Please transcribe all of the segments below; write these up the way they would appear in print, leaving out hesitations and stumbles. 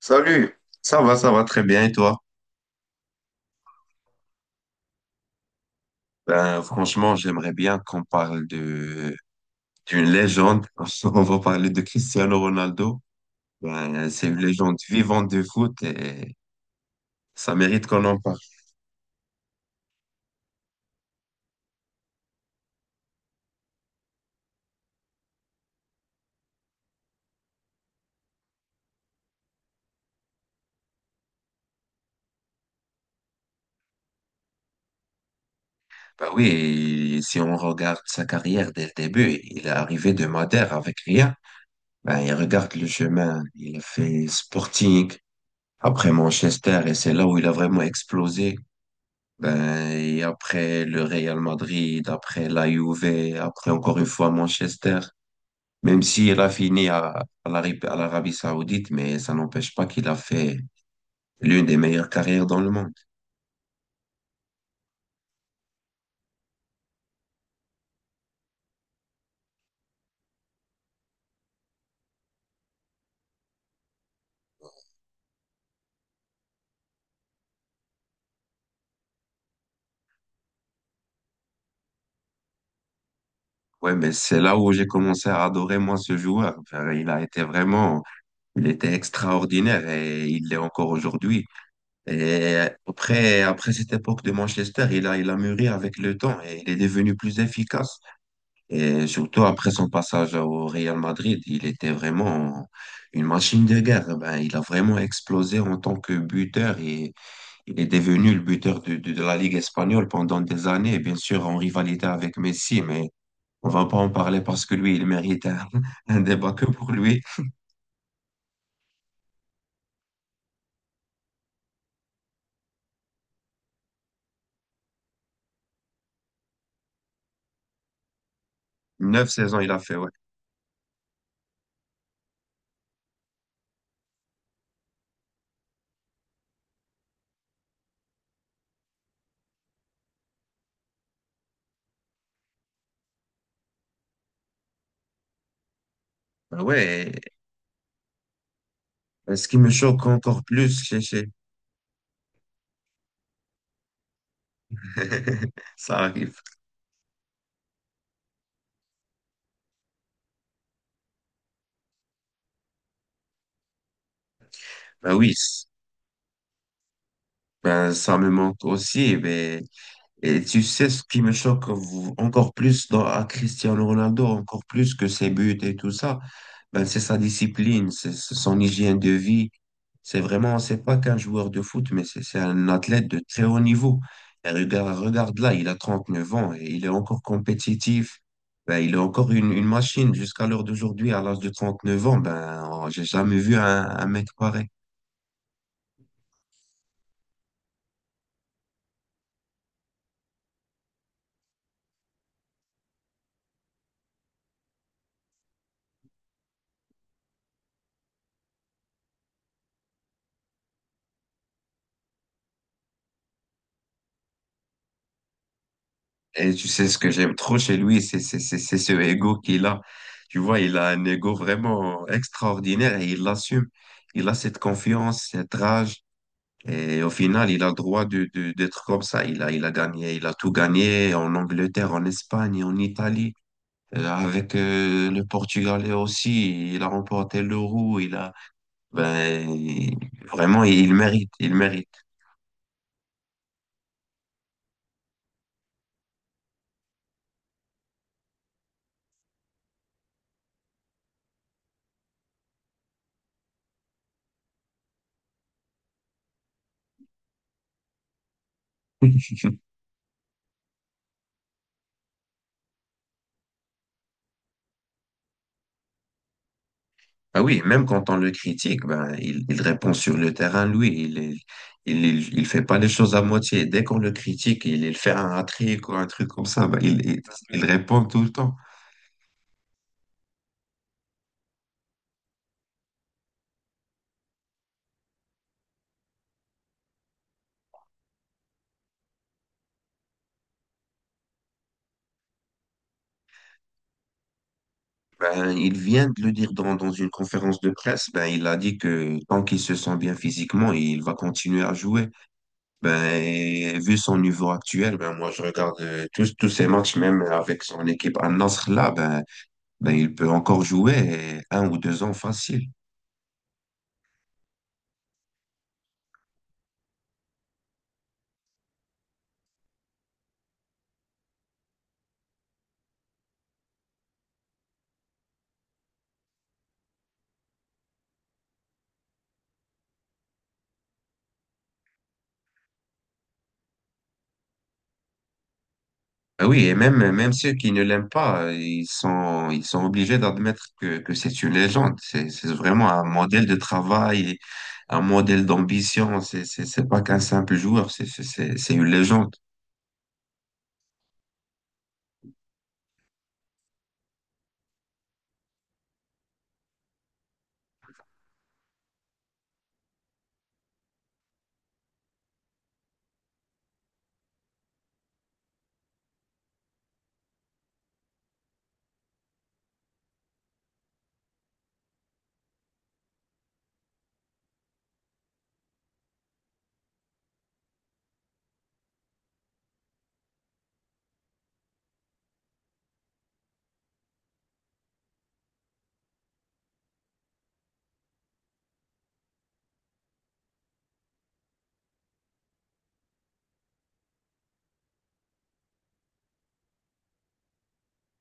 Salut, ça va très bien et toi? Franchement, j'aimerais bien qu'on parle de d'une légende. On va parler de Cristiano Ronaldo. C'est une légende vivante de foot et ça mérite qu'on en parle. Ben oui, et si on regarde sa carrière dès le début, il est arrivé de Madère avec rien. Il regarde le chemin, il a fait Sporting, après Manchester et c'est là où il a vraiment explosé. Et après le Real Madrid, après la Juve, après encore une fois Manchester. Même si elle a fini à l'Arabie Saoudite, mais ça n'empêche pas qu'il a fait l'une des meilleures carrières dans le monde. Ouais, mais c'est là où j'ai commencé à adorer moi ce joueur. Enfin, il a été vraiment, il était extraordinaire et il l'est encore aujourd'hui. Et après, après cette époque de Manchester, il a mûri avec le temps et il est devenu plus efficace. Et surtout après son passage au Real Madrid, il était vraiment une machine de guerre. Il a vraiment explosé en tant que buteur et il est devenu le buteur de la Ligue espagnole pendant des années, bien sûr en rivalité avec Messi, mais on va pas en parler parce que lui, il mérite un, un débat que pour lui. Neuf saisons, il a fait, ouais. Ben ouais, et ce qui me choque encore plus, ça arrive. Ben oui, ben ça me manque aussi, mais et tu sais ce qui me choque encore plus dans, à Cristiano Ronaldo, encore plus que ses buts et tout ça, ben c'est sa discipline, c'est son hygiène de vie. C'est vraiment, c'est pas qu'un joueur de foot, mais c'est un athlète de très haut niveau. Et regarde là, il a 39 ans et il est encore compétitif. Il est encore une machine jusqu'à l'heure d'aujourd'hui, à l'âge de 39 ans. J'ai jamais vu un mec pareil. Et tu sais, ce que j'aime trop chez lui, c'est ce ego qu'il a. Tu vois, il a un ego vraiment extraordinaire et il l'assume. Il a cette confiance, cette rage. Et au final, il a le droit d'être comme ça. Il a gagné, il a tout gagné en Angleterre, en Espagne, en Italie. Avec le Portugalais aussi, il a remporté l'Euro. Ben, Vraiment, il mérite. Ah oui, même quand on le critique, ben, il répond sur le terrain, lui. Il, est- Il fait pas les choses à moitié. Dès qu'on le critique, il fait un hat-trick ou un truc comme ça. Il répond tout le temps. Ben, il vient de le dire dans une conférence de presse. Il a dit que tant qu'il se sent bien physiquement, il va continuer à jouer. Et vu son niveau actuel, ben, moi, je regarde tous ses matchs, même avec son équipe à Nasr là, il peut encore jouer un ou deux ans facile. Ah oui, et même, même ceux qui ne l'aiment pas, ils sont obligés d'admettre que c'est une légende. C'est vraiment un modèle de travail, un modèle d'ambition. C'est pas qu'un simple joueur, c'est une légende.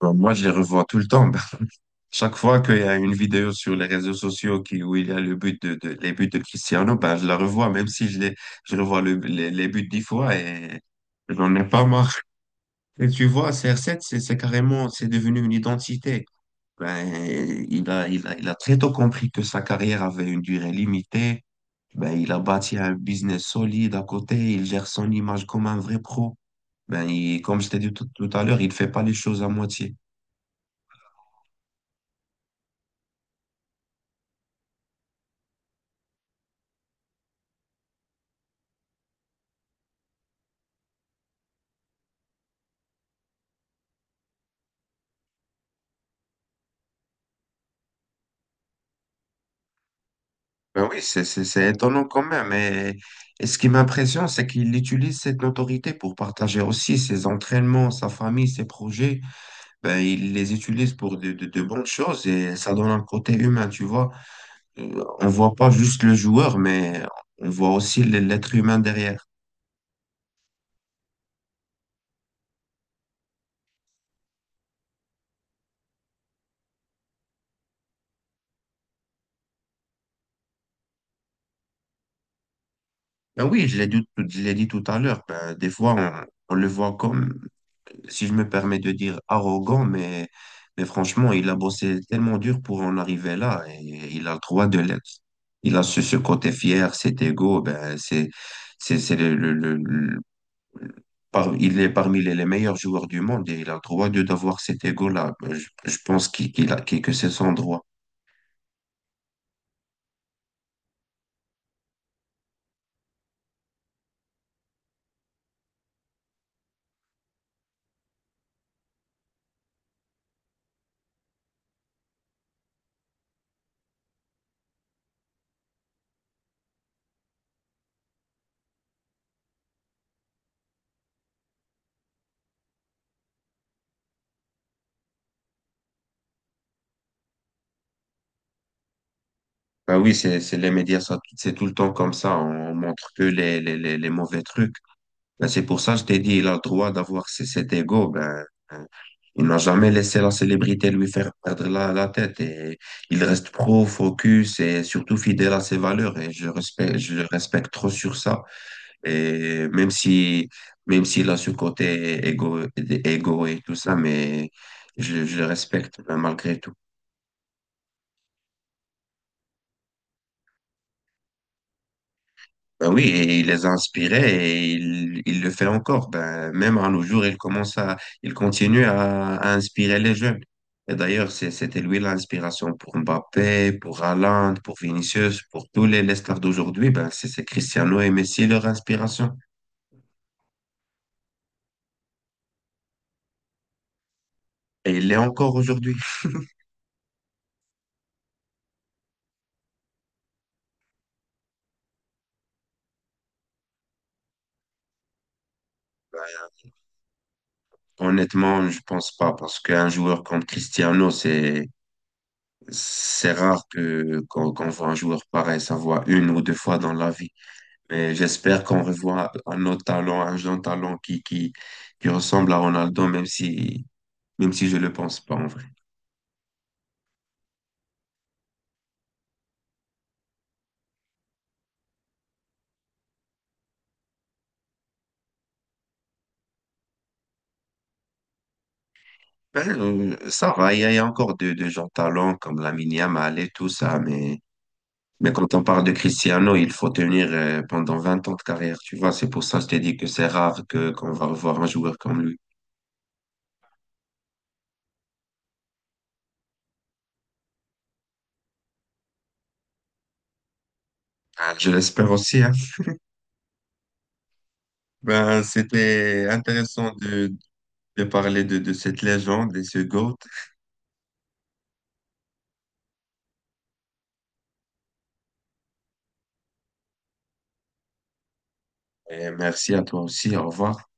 Bon, moi, je les revois tout le temps. Chaque fois qu'il y a une vidéo sur les réseaux sociaux qui, où il y a le but de- les buts de Cristiano, ben, je la revois, même si je revois les buts 10 fois et j'en ai pas marre. Et tu vois, CR7, c'est carrément, c'est devenu une identité. Ben, il a très tôt compris que sa carrière avait une durée limitée. Il a bâti un business solide à côté. Il gère son image comme un vrai pro. Il, comme je t'ai dit tout à l'heure, il fait pas les choses à moitié. Ben oui, c'est étonnant quand même. Et ce qui m'impressionne, c'est qu'il utilise cette notoriété pour partager aussi ses entraînements, sa famille, ses projets. Il les utilise pour de bonnes choses et ça donne un côté humain, tu vois. On voit pas juste le joueur, mais on voit aussi l'être humain derrière. Ben oui, je l'ai dit tout à l'heure, ben, des fois, on le voit comme, si je me permets de dire, arrogant, mais franchement, il a bossé tellement dur pour en arriver là et il a le droit de l'être. Il a ce côté fier, cet ego, ben, c'est le- par- il est parmi les meilleurs joueurs du monde et il a le droit de d'avoir cet ego-là. Je pense que c'est son droit. Bah oui, c'est les médias, ça, c'est tout le temps comme ça. On montre que les mauvais trucs. Ben, c'est pour ça que je t'ai dit, il a le droit d'avoir cet ego. Hein, il n'a jamais laissé la célébrité lui faire perdre la tête. Et il reste pro, focus et surtout fidèle à ses valeurs. Et je le respecte trop sur ça. Et même si, même s'il a ce côté égo, égo et tout ça, mais je le respecte ben, malgré tout. Ben oui, et il les a inspirés et il le fait encore. Ben, même à nos jours, il continue à inspirer les jeunes. Et d'ailleurs, c'était lui l'inspiration pour Mbappé, pour Haaland, pour Vinicius, pour tous les stars d'aujourd'hui. Ben, c'est Cristiano et Messi leur inspiration. Et il l'est encore aujourd'hui. Honnêtement, je pense pas parce qu'un joueur comme Cristiano, c'est rare qu'on voit un joueur pareil, ça voit une ou deux fois dans la vie. Mais j'espère qu'on revoit un autre talent, un jeune talent qui ressemble à Ronaldo, même si je ne le pense pas en vrai. Ben, Ça va, il y a encore de jeunes talents comme Lamine Yamal et tout ça, mais quand on parle de Cristiano, il faut tenir pendant 20 ans de carrière, tu vois. C'est pour ça que je t'ai dit que c'est rare qu'on va revoir un joueur comme lui. Ah, je l'espère aussi, hein. C'était intéressant de parler de cette légende et ce GOAT. Et merci à toi aussi, au revoir.